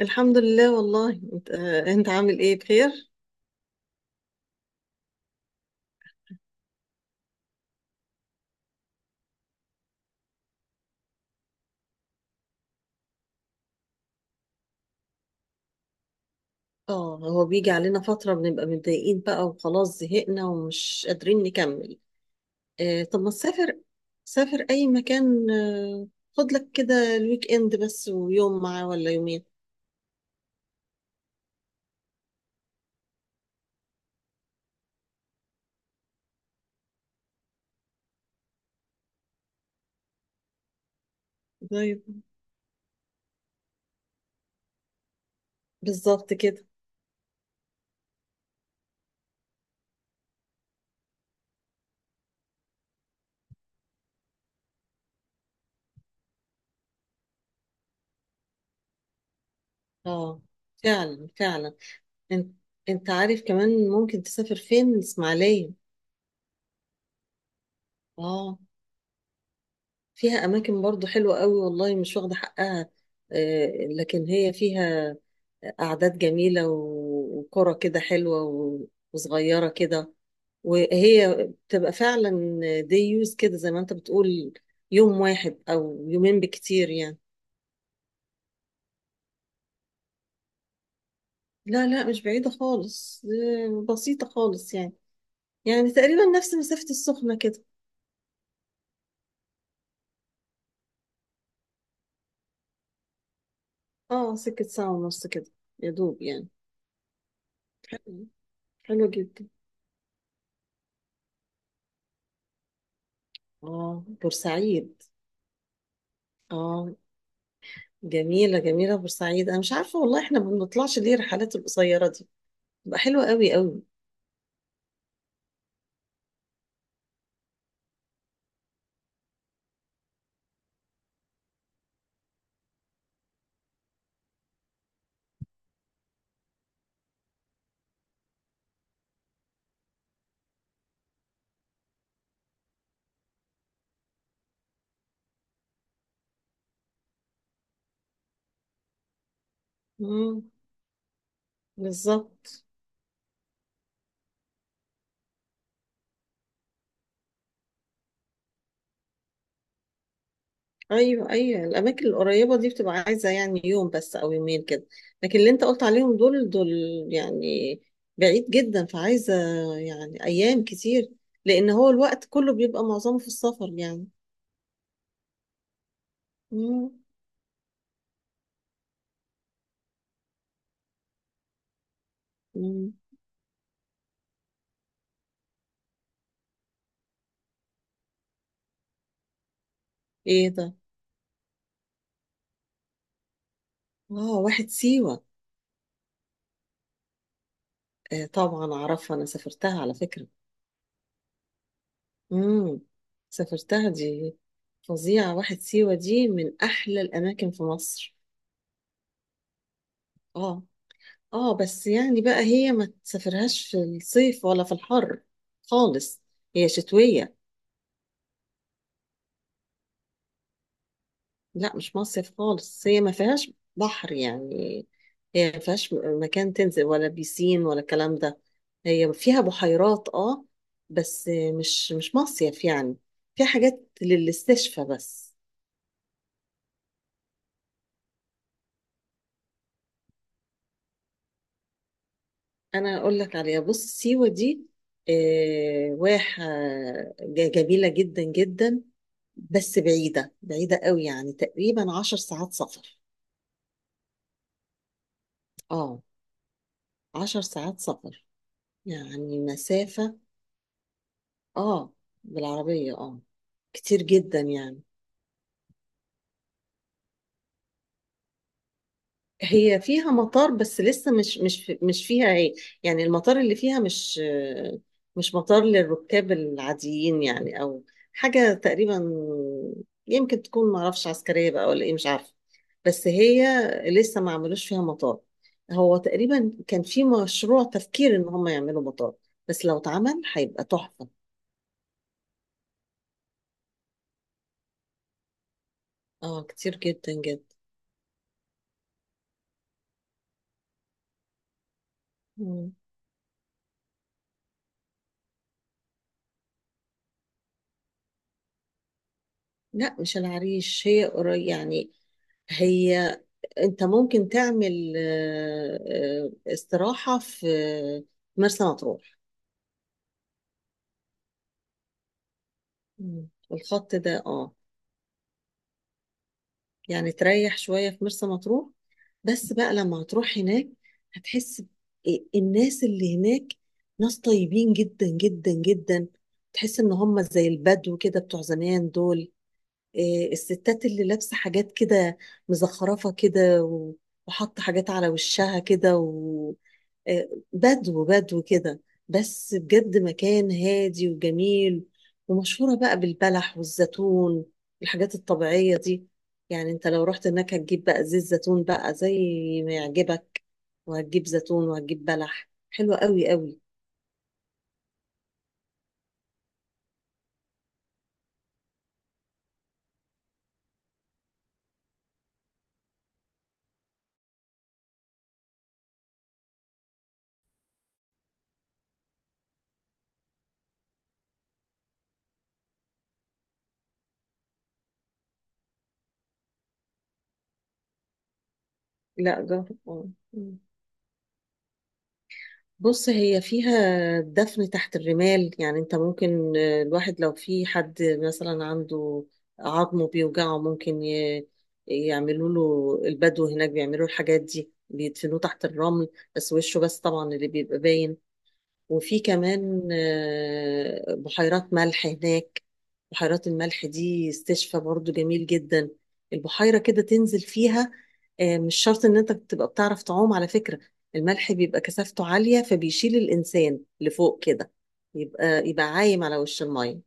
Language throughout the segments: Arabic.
الحمد لله، والله، انت عامل ايه؟ بخير. اه، هو بيجي علينا فترة بنبقى متضايقين بقى وخلاص، زهقنا ومش قادرين نكمل. آه، طب ما تسافر. سافر اي مكان، آه. خد لك كده الويك اند بس، ويوم معاه ولا يومين. طيب. بالظبط كده. اه، فعلا فعلا. انت انت عارف، كمان ممكن تسافر فين، الاسماعيلية. اه، فيها أماكن برضو حلوة قوي، والله مش واخدة حقها. آه، لكن هي فيها أعداد جميلة وقرى كده حلوة وصغيرة كده. وهي بتبقى فعلا، دي يوز كده زي ما أنت بتقول، يوم واحد أو يومين بكتير يعني. لا لا، مش بعيدة خالص، بسيطة خالص يعني. يعني تقريبا نفس مسافة السخنة كده. اه، سكة ساعة ونص كده، يا دوب يعني. حلو. حلو جدا. اه، بورسعيد. اه، جميلة جميلة بورسعيد. أنا مش عارفة والله إحنا ما بنطلعش ليه الرحلات القصيرة دي، بتبقى حلوة قوي قوي. مم. بالظبط. أيوه أيوه، الأماكن القريبة دي بتبقى عايزة يعني يوم بس أو يومين كده. لكن اللي أنت قلت عليهم دول دول يعني بعيد جدا، فعايزة يعني أيام كتير، لأن هو الوقت كله بيبقى معظمه في السفر يعني. مم. مم. إيه ده؟ آه، واحد سيوة. آه، طبعا أعرفها، أنا سافرتها على فكرة. امم. سافرتها دي، فظيعة. واحد سيوة دي من أحلى الأماكن في مصر. اه، اه، بس يعني بقى هي ما تسافرهاش في الصيف ولا في الحر خالص، هي شتوية. لا، مش مصيف خالص، هي ما فيهاش بحر يعني. هي ما فيهاش مكان تنزل ولا بيسين ولا الكلام ده. هي فيها بحيرات، اه، بس مش مصيف يعني. فيها حاجات للاستشفى بس. انا اقول لك عليها، بص سيوه دي واحه جميله جدا جدا. بس بعيده بعيده قوي، يعني تقريبا 10 ساعات سفر. اه، 10 ساعات سفر. يعني مسافه. اه، بالعربيه اه. كتير جدا يعني. هي فيها مطار بس لسه مش فيها ايه. يعني المطار اللي فيها مش مطار للركاب العاديين يعني، او حاجة تقريبا. يمكن تكون معرفش عسكرية بقى ولا ايه، مش عارفة، بس هي لسه ما عملوش فيها مطار. هو تقريبا كان في مشروع تفكير ان هم يعملوا مطار، بس لو اتعمل هيبقى تحفة. اه، كتير جدا جدا. مم. لا مش العريش، هي قريب يعني. هي انت ممكن تعمل استراحة في مرسى مطروح. مم. الخط ده، اه. يعني تريح شوية في مرسى مطروح. بس بقى لما هتروح هناك، هتحس إيه، الناس اللي هناك، ناس طيبين جدا جدا جدا. تحس ان هم زي البدو كده بتوع زمان دول. إيه، الستات اللي لابسه حاجات كده مزخرفه كده وحاطه حاجات على وشها كده. إيه، بدو بدو كده. بس بجد مكان هادي وجميل. ومشهوره بقى بالبلح والزيتون، الحاجات الطبيعيه دي. يعني انت لو رحت هناك هتجيب بقى زيت زيتون بقى زي ما يعجبك. وهتجيب زيتون وهتجيب بلح، حلوة قوي قوي. لا، جرب. آه. بص، هي فيها دفن تحت الرمال. يعني انت ممكن الواحد لو في حد مثلا عنده عظمه بيوجعه ممكن يعملوا له، البدو هناك بيعملوا الحاجات دي، بيدفنوه تحت الرمل، بس وشه بس طبعا اللي بيبقى باين. وفي كمان بحيرات ملح هناك. بحيرات الملح دي استشفى برضو جميل جدا. البحيرة كده تنزل فيها. مش شرط ان انت تبقى بتعرف تعوم على فكرة. الملح بيبقى كثافته عالية فبيشيل الانسان لفوق كده. يبقى عايم على وش المية.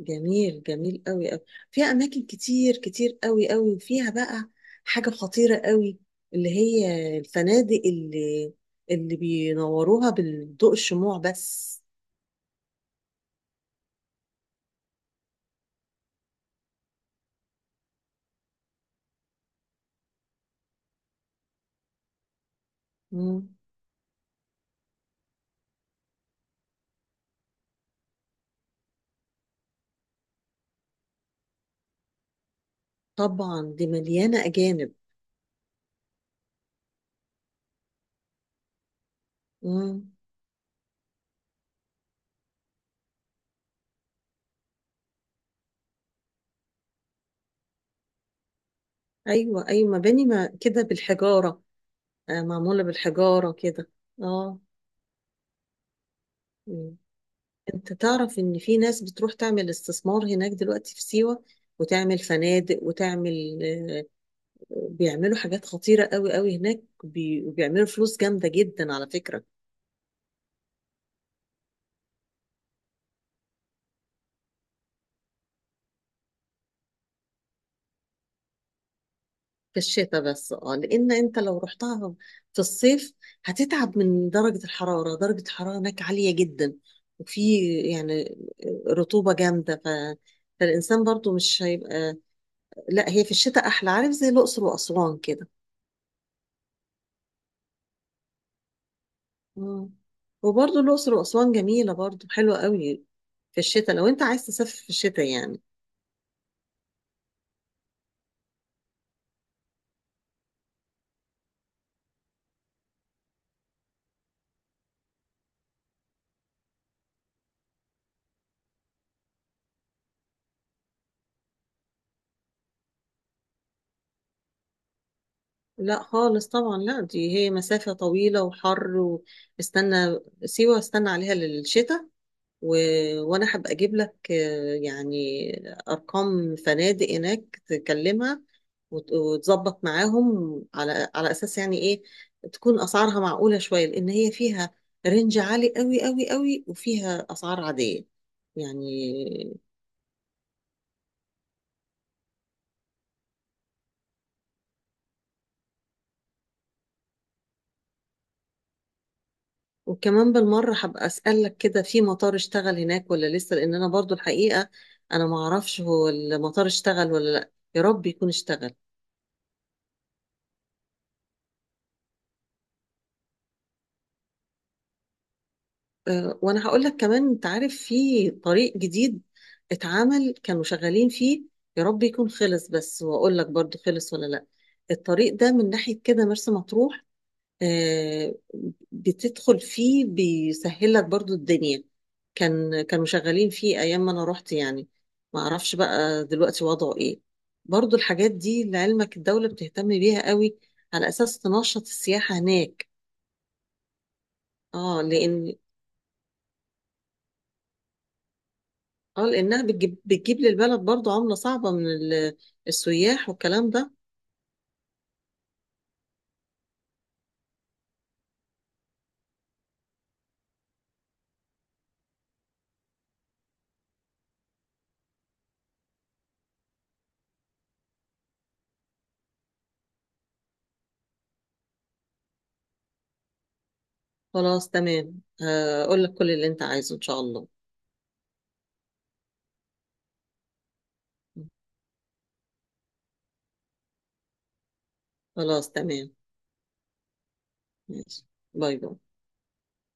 جميل جميل قوي قوي. فيها اماكن كتير كتير قوي قوي، وفيها بقى حاجة خطيرة قوي، اللي هي الفنادق اللي بينوروها بالضوء، الشموع بس. مم. طبعا، دي مليانة اجانب. مم. ايوه ايوه، مباني ما كده بالحجارة. معمولة بالحجارة كده. اه. مم. انت تعرف ان في ناس بتروح تعمل استثمار هناك دلوقتي في سيوة، وتعمل فنادق وتعمل بيعملوا حاجات خطيرة قوي قوي هناك، وبيعملوا فلوس جامدة جدا على فكرة. في الشتاء بس، اه، لان انت لو رحتها في الصيف هتتعب من درجة الحرارة. درجة الحرارة هناك عالية جدا. وفي يعني رطوبة جامدة، فالإنسان برضو مش هيبقى. لا، هي في الشتاء أحلى، عارف زي الأقصر وأسوان كده. اه، وبرضه الأقصر وأسوان جميلة برضه، حلوة قوي في الشتاء لو أنت عايز تسافر في الشتاء يعني. لا خالص طبعا، لا دي هي مسافة طويلة وحر، واستنى. سيوة استنى عليها للشتاء. و... وأنا هبقى أجيب لك يعني أرقام فنادق هناك تكلمها. وتظبط معاهم على أساس، يعني إيه، تكون أسعارها معقولة شوية، لأن هي فيها رينج عالي قوي قوي قوي، وفيها أسعار عادية يعني. وكمان بالمرة هبقى أسألك كده، في مطار اشتغل هناك ولا لسه؟ لأن أنا برضو الحقيقة أنا معرفش هو المطار اشتغل ولا لأ، يا رب يكون اشتغل. أه، وأنا هقول لك كمان، أنت عارف في طريق جديد اتعمل، كانوا شغالين فيه، يا رب يكون خلص، بس وأقول لك برضو خلص ولا لأ. الطريق ده من ناحية كده مرسى مطروح، آه، بتدخل فيه بيسهل لك برضو الدنيا. كانوا شغالين فيه ايام ما انا رحت يعني، ما اعرفش بقى دلوقتي وضعه ايه. برضو الحاجات دي لعلمك الدولة بتهتم بيها قوي، على اساس تنشط السياحة هناك. اه، لانها بتجيب للبلد برضو عملة صعبة من السياح والكلام ده. خلاص تمام، اقول لك كل اللي انت عايزه ان شاء الله. خلاص تمام. ماشي، باي باي.